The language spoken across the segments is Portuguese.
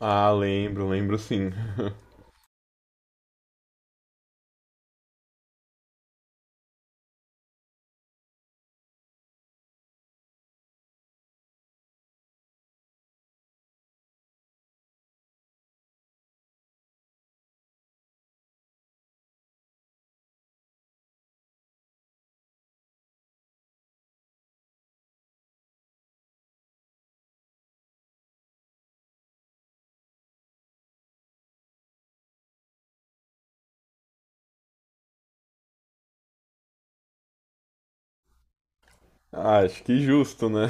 Ah, lembro, lembro sim. Ah, acho que justo, né?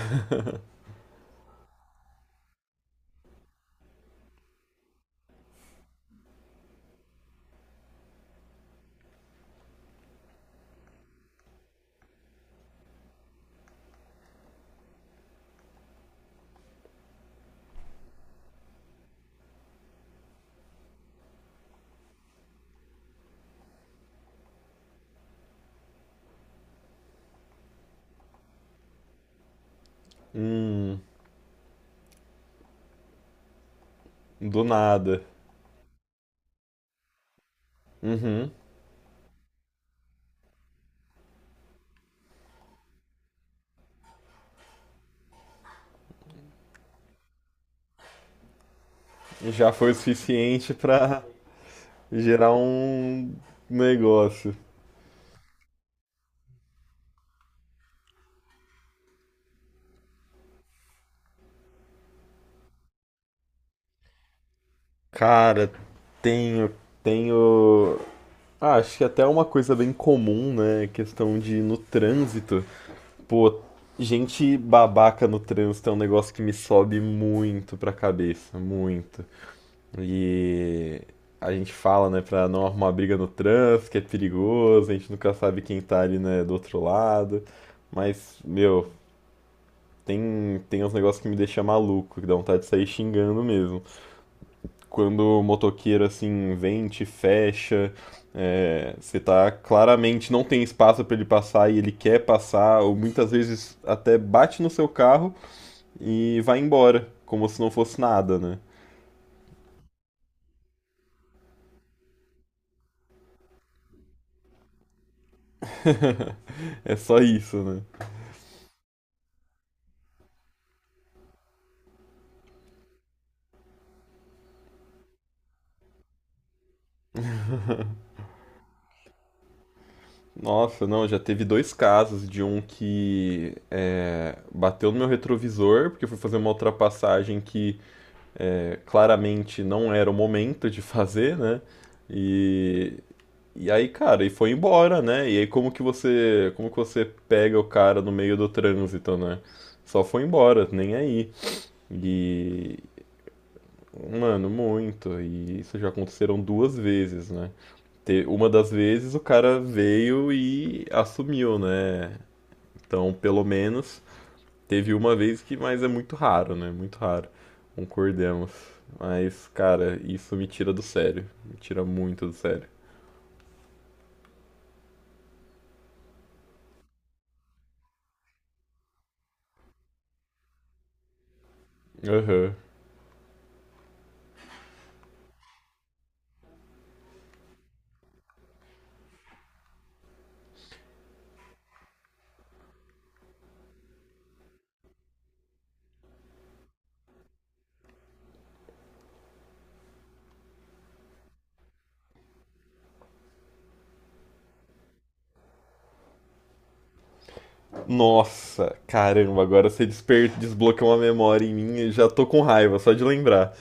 Hum, do nada. Uhum. Já foi o suficiente pra gerar um negócio. Cara, tenho, tenho. Ah, acho que até uma coisa bem comum, né? Questão de ir no trânsito. Pô, gente babaca no trânsito é um negócio que me sobe muito pra cabeça, muito. E a gente fala, né, pra não arrumar briga no trânsito, que é perigoso, a gente nunca sabe quem tá ali, né, do outro lado. Mas, meu, tem uns negócios que me deixam maluco, que dá vontade de sair xingando mesmo. Quando o motoqueiro, assim, vem, te fecha, você tá claramente não tem espaço pra ele passar e ele quer passar, ou muitas vezes até bate no seu carro e vai embora, como se não fosse nada, né? É só isso, né? Nossa, não, já teve dois casos de um que bateu no meu retrovisor, porque eu fui fazer uma ultrapassagem que claramente não era o momento de fazer, né? E, e aí, cara, e foi embora, né? E aí como que você pega o cara no meio do trânsito, né? Só foi embora, nem aí. E, Mano, muito. E isso já aconteceram duas vezes, né? Uma das vezes o cara veio e assumiu, né? Então, pelo menos, teve uma vez que, mas é muito raro, né? Muito raro. Concordemos. Mas, cara, isso me tira do sério. Me tira muito do sério. Aham. Nossa, caramba, agora você desperta, desbloqueou uma memória em mim e já tô com raiva, só de lembrar.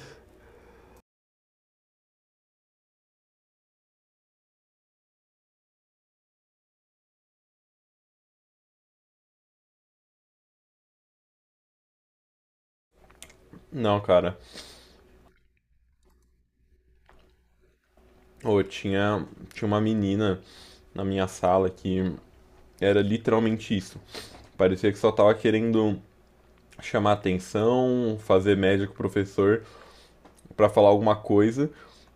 Não, cara. Oh, tinha uma menina na minha sala que era literalmente isso. Parecia que só tava querendo chamar atenção, fazer média com o professor, para falar alguma coisa,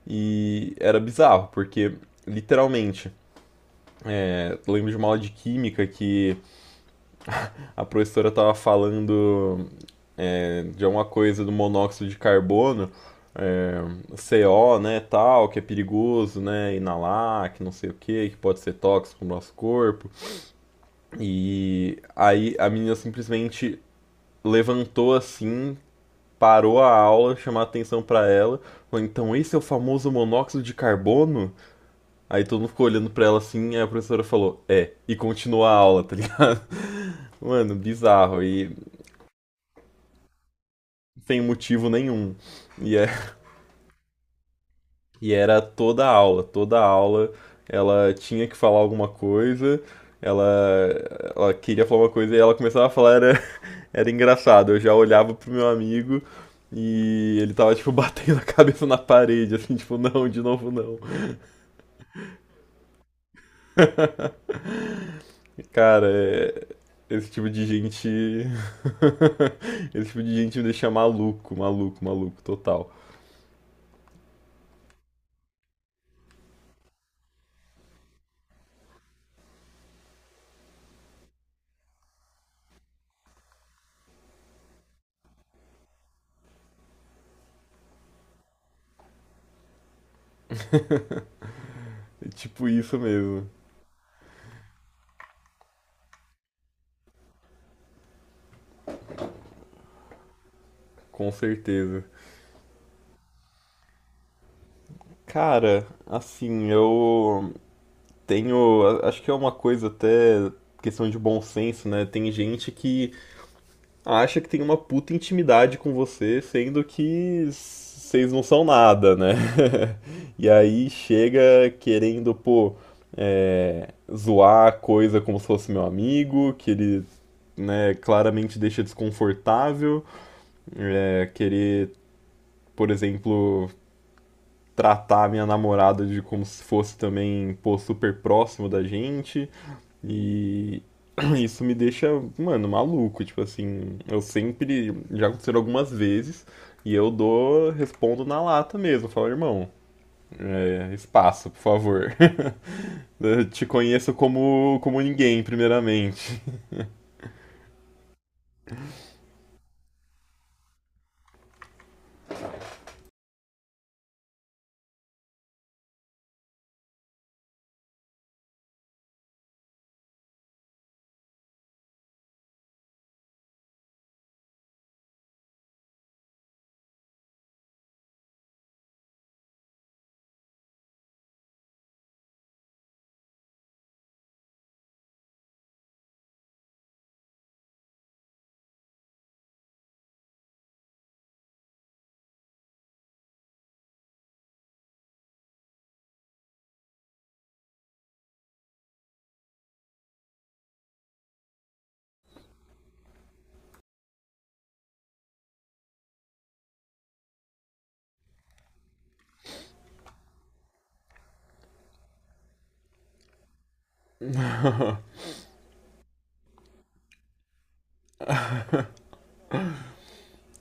e era bizarro, porque literalmente, lembro de uma aula de química que a professora tava falando de alguma coisa do monóxido de carbono, é, CO, né, tal, que é perigoso, né, inalar, que não sei o que, que pode ser tóxico pro nosso corpo. E aí a menina simplesmente levantou assim, parou a aula, chamou a atenção para ela, falou, então esse é o famoso monóxido de carbono? Aí todo mundo ficou olhando pra ela assim, aí a professora falou, é, e continua a aula, tá ligado? Mano, bizarro, e sem motivo nenhum. E, é, e era toda a aula ela tinha que falar alguma coisa, ela, ela queria falar uma coisa e ela começava a falar, era, era engraçado. Eu já olhava pro meu amigo e ele tava, tipo, batendo a cabeça na parede, assim, tipo, não, de novo não. Cara, é- Esse tipo de gente. Esse tipo de gente me deixa maluco, maluco, maluco, total. É tipo isso mesmo, com certeza. Cara, assim, eu tenho. Acho que é uma coisa até questão de bom senso, né? Tem gente que acha que tem uma puta intimidade com você, sendo que vocês não são nada, né? E aí chega querendo, pô, zoar a coisa como se fosse meu amigo, que ele, né, claramente deixa desconfortável, querer, por exemplo, tratar a minha namorada de como se fosse também, pô, super próximo da gente. E isso me deixa, mano, maluco. Tipo assim, eu sempre. Já aconteceu algumas vezes. E eu dou, respondo na lata mesmo. Falo, irmão, espaço, por favor. Eu te conheço como, como ninguém, primeiramente.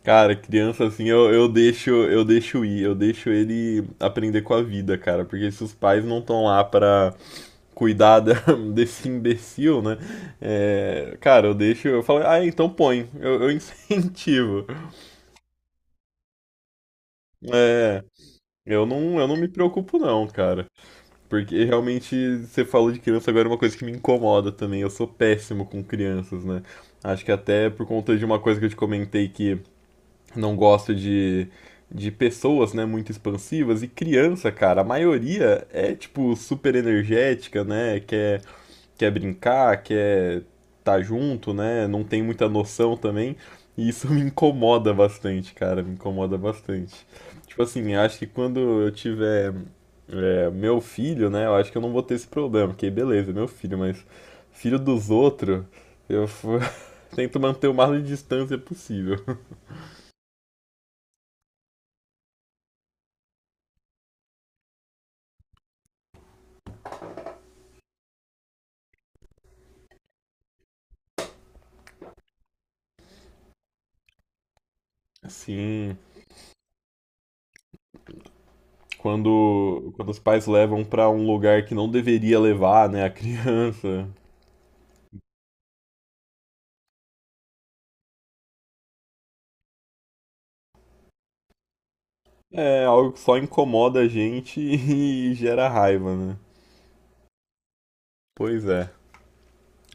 Cara, criança assim, eu deixo ir, eu deixo ele aprender com a vida, cara, porque se os pais não estão lá pra cuidar da- desse imbecil, né? É, cara, eu deixo, eu falo, ah, então põe, eu incentivo. É, eu não, eu não me preocupo não, cara, porque realmente você falou de criança agora é uma coisa que me incomoda também. Eu sou péssimo com crianças, né? Acho que até por conta de uma coisa que eu te comentei que não gosto de pessoas, né, muito expansivas. E criança, cara, a maioria é, tipo, super energética, né? Quer, quer brincar, quer tá junto, né? Não tem muita noção também. E isso me incomoda bastante, cara. Me incomoda bastante. Tipo assim, acho que quando eu tiver meu filho, né? Eu acho que eu não vou ter esse problema. Porque beleza, é meu filho, mas filho dos outros, eu f- tento manter o máximo de distância possível. Sim. Quando os pais levam pra um lugar que não deveria levar, né, a criança. É algo que só incomoda a gente e gera raiva, né? Pois é.